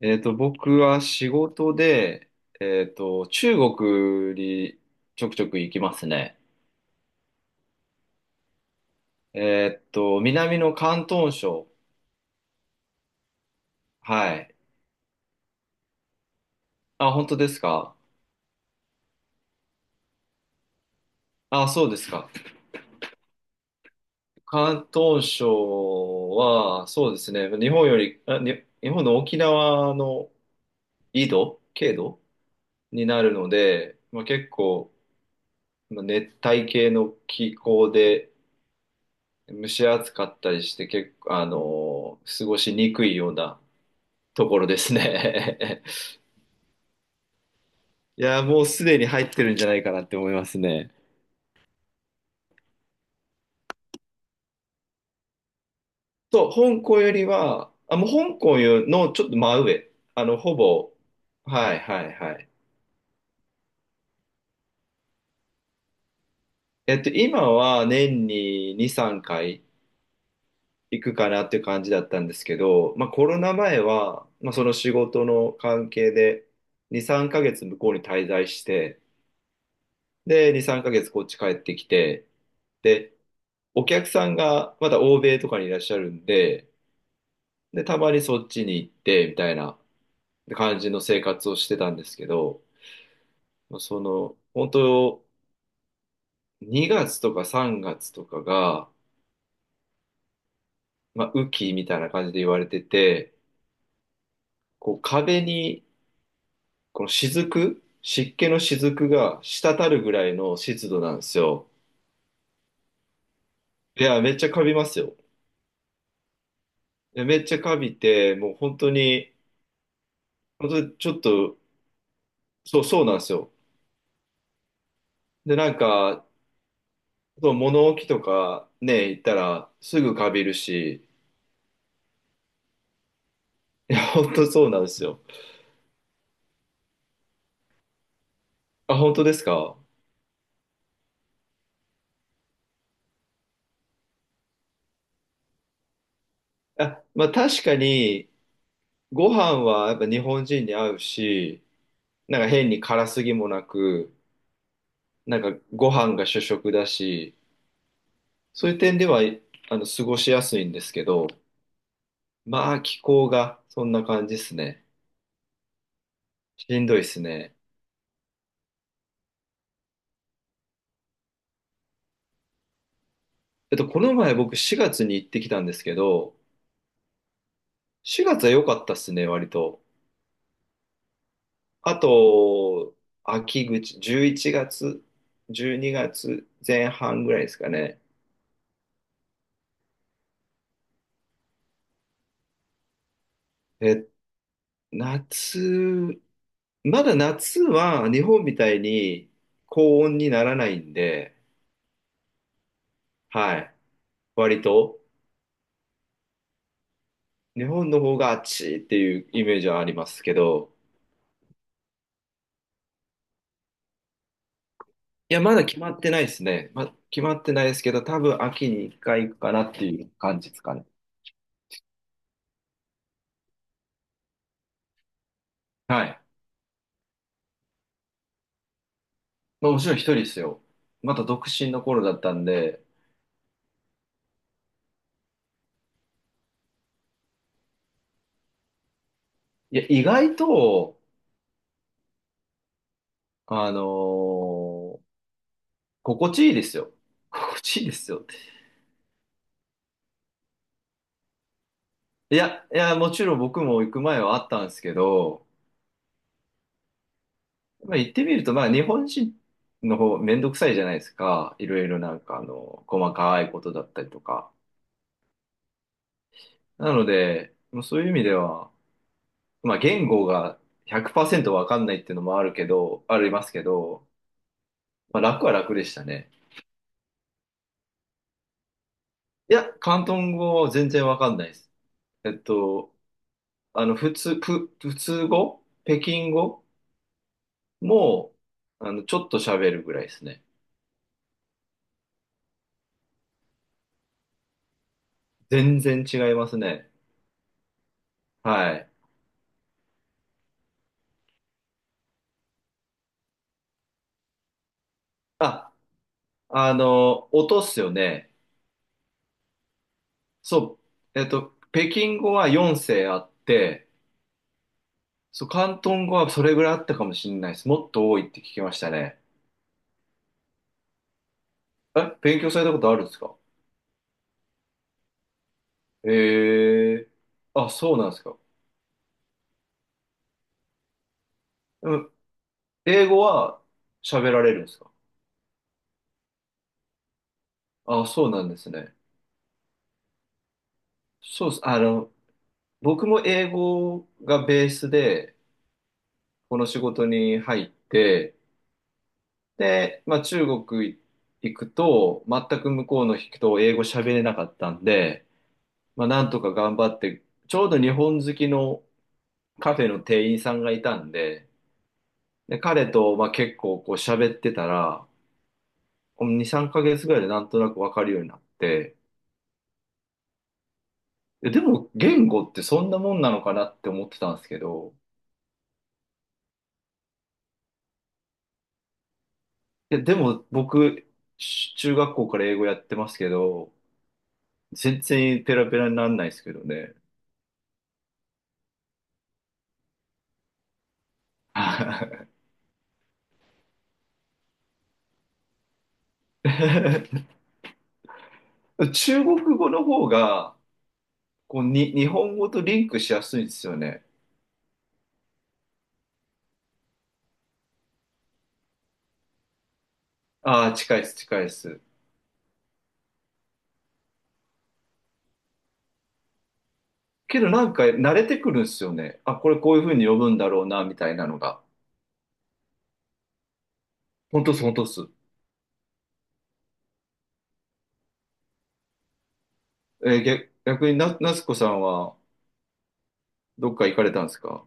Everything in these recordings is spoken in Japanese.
僕は仕事で、中国にちょくちょく行きますね。南の広東省。はい。あ、本当ですか？あ、そうですか。広東省は、そうですね。日本より、日本の沖縄の緯度、経度になるので、まあ、結構、まあ熱帯系の気候で蒸し暑かったりして、結構、過ごしにくいようなところですね。いやー、もうすでに入ってるんじゃないかなって思いますね。そう、香港よりは、あ、もう香港よのちょっと真上。ほぼ、はいはいはい。今は年に2、3回行くかなっていう感じだったんですけど、まあコロナ前は、まあその仕事の関係で2、3ヶ月向こうに滞在して、で、2、3ヶ月こっち帰ってきて、で、お客さんがまだ欧米とかにいらっしゃるんで、で、たまにそっちに行って、みたいな感じの生活をしてたんですけど、その、本当、2月とか3月とかが、まあ、雨季みたいな感じで言われてて、こう壁に、この雫、湿気の雫が滴るぐらいの湿度なんですよ。いや、めっちゃカビますよ。いや、めっちゃカビて、もう本当に、本当にちょっと、そう、そうなんですよ。で、なんか、そう、物置とかね、行ったらすぐカビるし、いや、本当そうなんですよ。あ、本当ですか？あ、まあ確かに、ご飯はやっぱ日本人に合うし、なんか変に辛すぎもなく、なんかご飯が主食だし、そういう点では、過ごしやすいんですけど、まあ気候がそんな感じですね。しんどいですね。この前僕4月に行ってきたんですけど、4月は良かったっすね、割と。あと、秋口、11月、12月前半ぐらいですかね。え、夏、まだ夏は日本みたいに高温にならないんで、はい。割と、日本の方が暑いっていうイメージはありますけど、いや、まだ決まってないですね。ま、決まってないですけど、多分秋に一回行くかなっていう感じですかね。はい。まあ、もちろん一人ですよ。まだ独身の頃だったんで、いや、意外と、あのー心地いいですよ。心地いいですよ。いや、いや、もちろん僕も行く前はあったんですけど、まあ、行ってみると、まあ、日本人の方、めんどくさいじゃないですか。いろいろなんか、細かいことだったりとか。なので、もうそういう意味では、まあ、言語が100%わかんないっていうのもあるけど、ありますけど、まあ、楽は楽でしたね。いや、広東語は全然わかんないです。えっと、普通語北京語も、ちょっと喋るぐらいですね。全然違いますね。はい。あ、音っすよね。そう、北京語は4声あって、そう、広東語はそれぐらいあったかもしれないです。もっと多いって聞きましたね。え、勉強されたことあるんですか？ええー。あ、そうなんですか。うん、英語は喋られるんですか？あ、そうなんですね。そうです。僕も英語がベースで、この仕事に入って、で、まあ、中国行くと、全く向こうの人を英語喋れなかったんで、まあ、なんとか頑張って、ちょうど日本好きのカフェの店員さんがいたんで、で、彼と、まあ、結構こう喋ってたら、2、3ヶ月ぐらいでなんとなくわかるようになって、えでも言語ってそんなもんなのかなって思ってたんですけど、いやでも僕、中学校から英語やってますけど、全然ペラペラにならないですけどね。中国語の方が、こう、日本語とリンクしやすいんですよね。ああ、近いです、近いです。けどなんか慣れてくるんですよね。あ、これこういうふうに呼ぶんだろうな、みたいなのが。本当っす、本当っす。逆になつこさんはどっか行かれたんですか？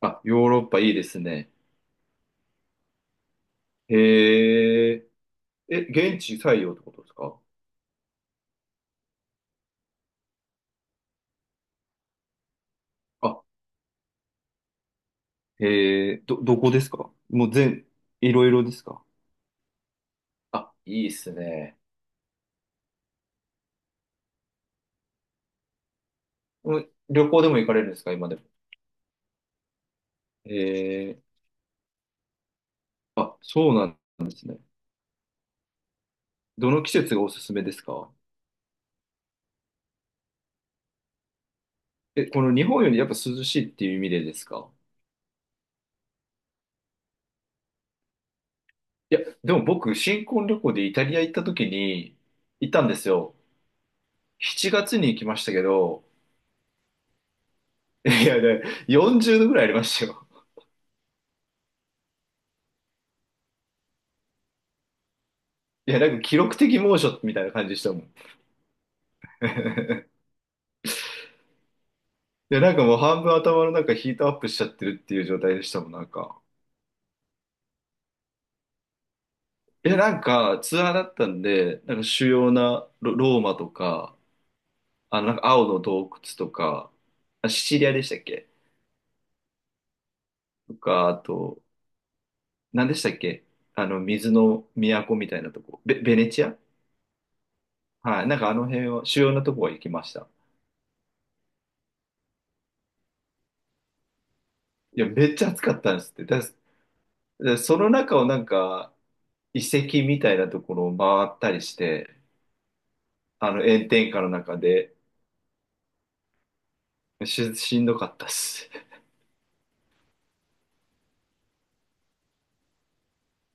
あ、ヨーロッパいいですね。へえ。え、現地採用ってことですか？あ、へえ、どこですか？もういろいろですか？あ、いいっすね。うん、旅行でも行かれるんですか今でも？へえ。あ、そうなんですね。どの季節がおすすめですか？え、この日本よりやっぱ涼しいっていう意味でですか？いや、でも僕、新婚旅行でイタリア行った時に、行ったんですよ。7月に行きましたけど、いや、ね、40度ぐらいありましたよ。いや、なんか記録的猛暑みたいな感じでしたもん。いや、なんかもう半分頭の中ヒートアップしちゃってるっていう状態でしたもん、なんか。いや、なんかツアーだったんで、なんか主要なローマとか、なんか青の洞窟とか、あ、シチリアでしたっけ？とか、あと、何でしたっけ？水の都みたいなとこ。ベネチア。はい。なんかあの辺は、主要なとこは行きました。いや、めっちゃ暑かったんですって。だその中をなんか、遺跡みたいなところを回ったりして、炎天下の中で、しんどかったっす。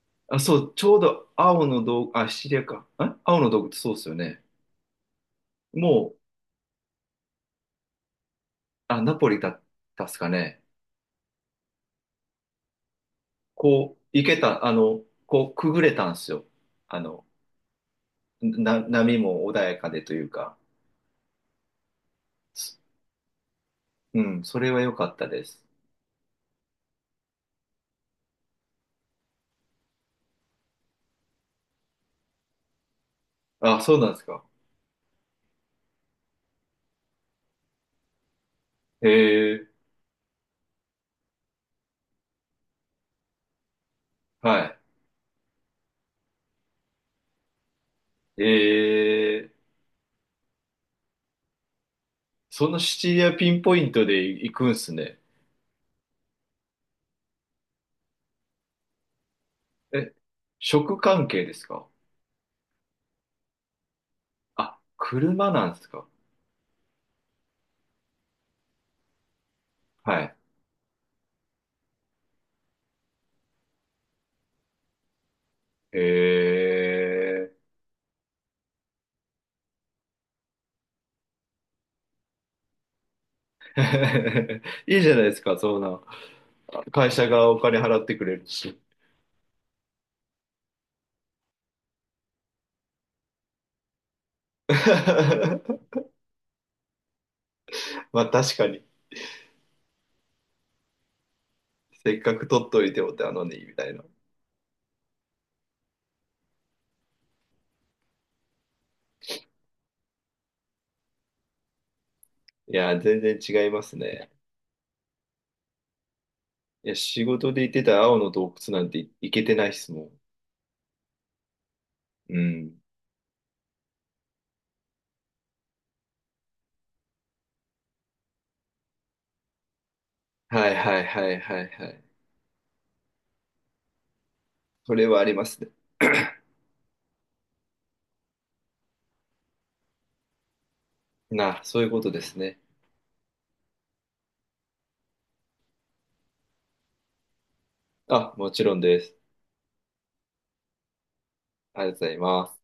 あ、そう、ちょうど青の洞、あ、シチリアか。青の洞窟、そうっすよね。もう、あ、ナポリだったっすかね？こう、行けた、こう、くぐれたんですよ。あの、波も穏やかでというか、すうん、それは良かったです。あ、そうなんですか。ええ、はい。ええ、そのシチリアピンポイントで行くんすね。え、食関係ですか？あ、車なんですか？はい。ええ、いいじゃないですか、そんな。会社がお金払ってくれるし。まあ確かに。せっかく取っといてお手なのに、みたいな。いや、全然違いますね。いや、仕事で行ってた青の洞窟なんて行けてないっすもん。うん。はいはいはいはいはい。それはありますね。そういうことですね。あ、もちろんです。ありがとうございます。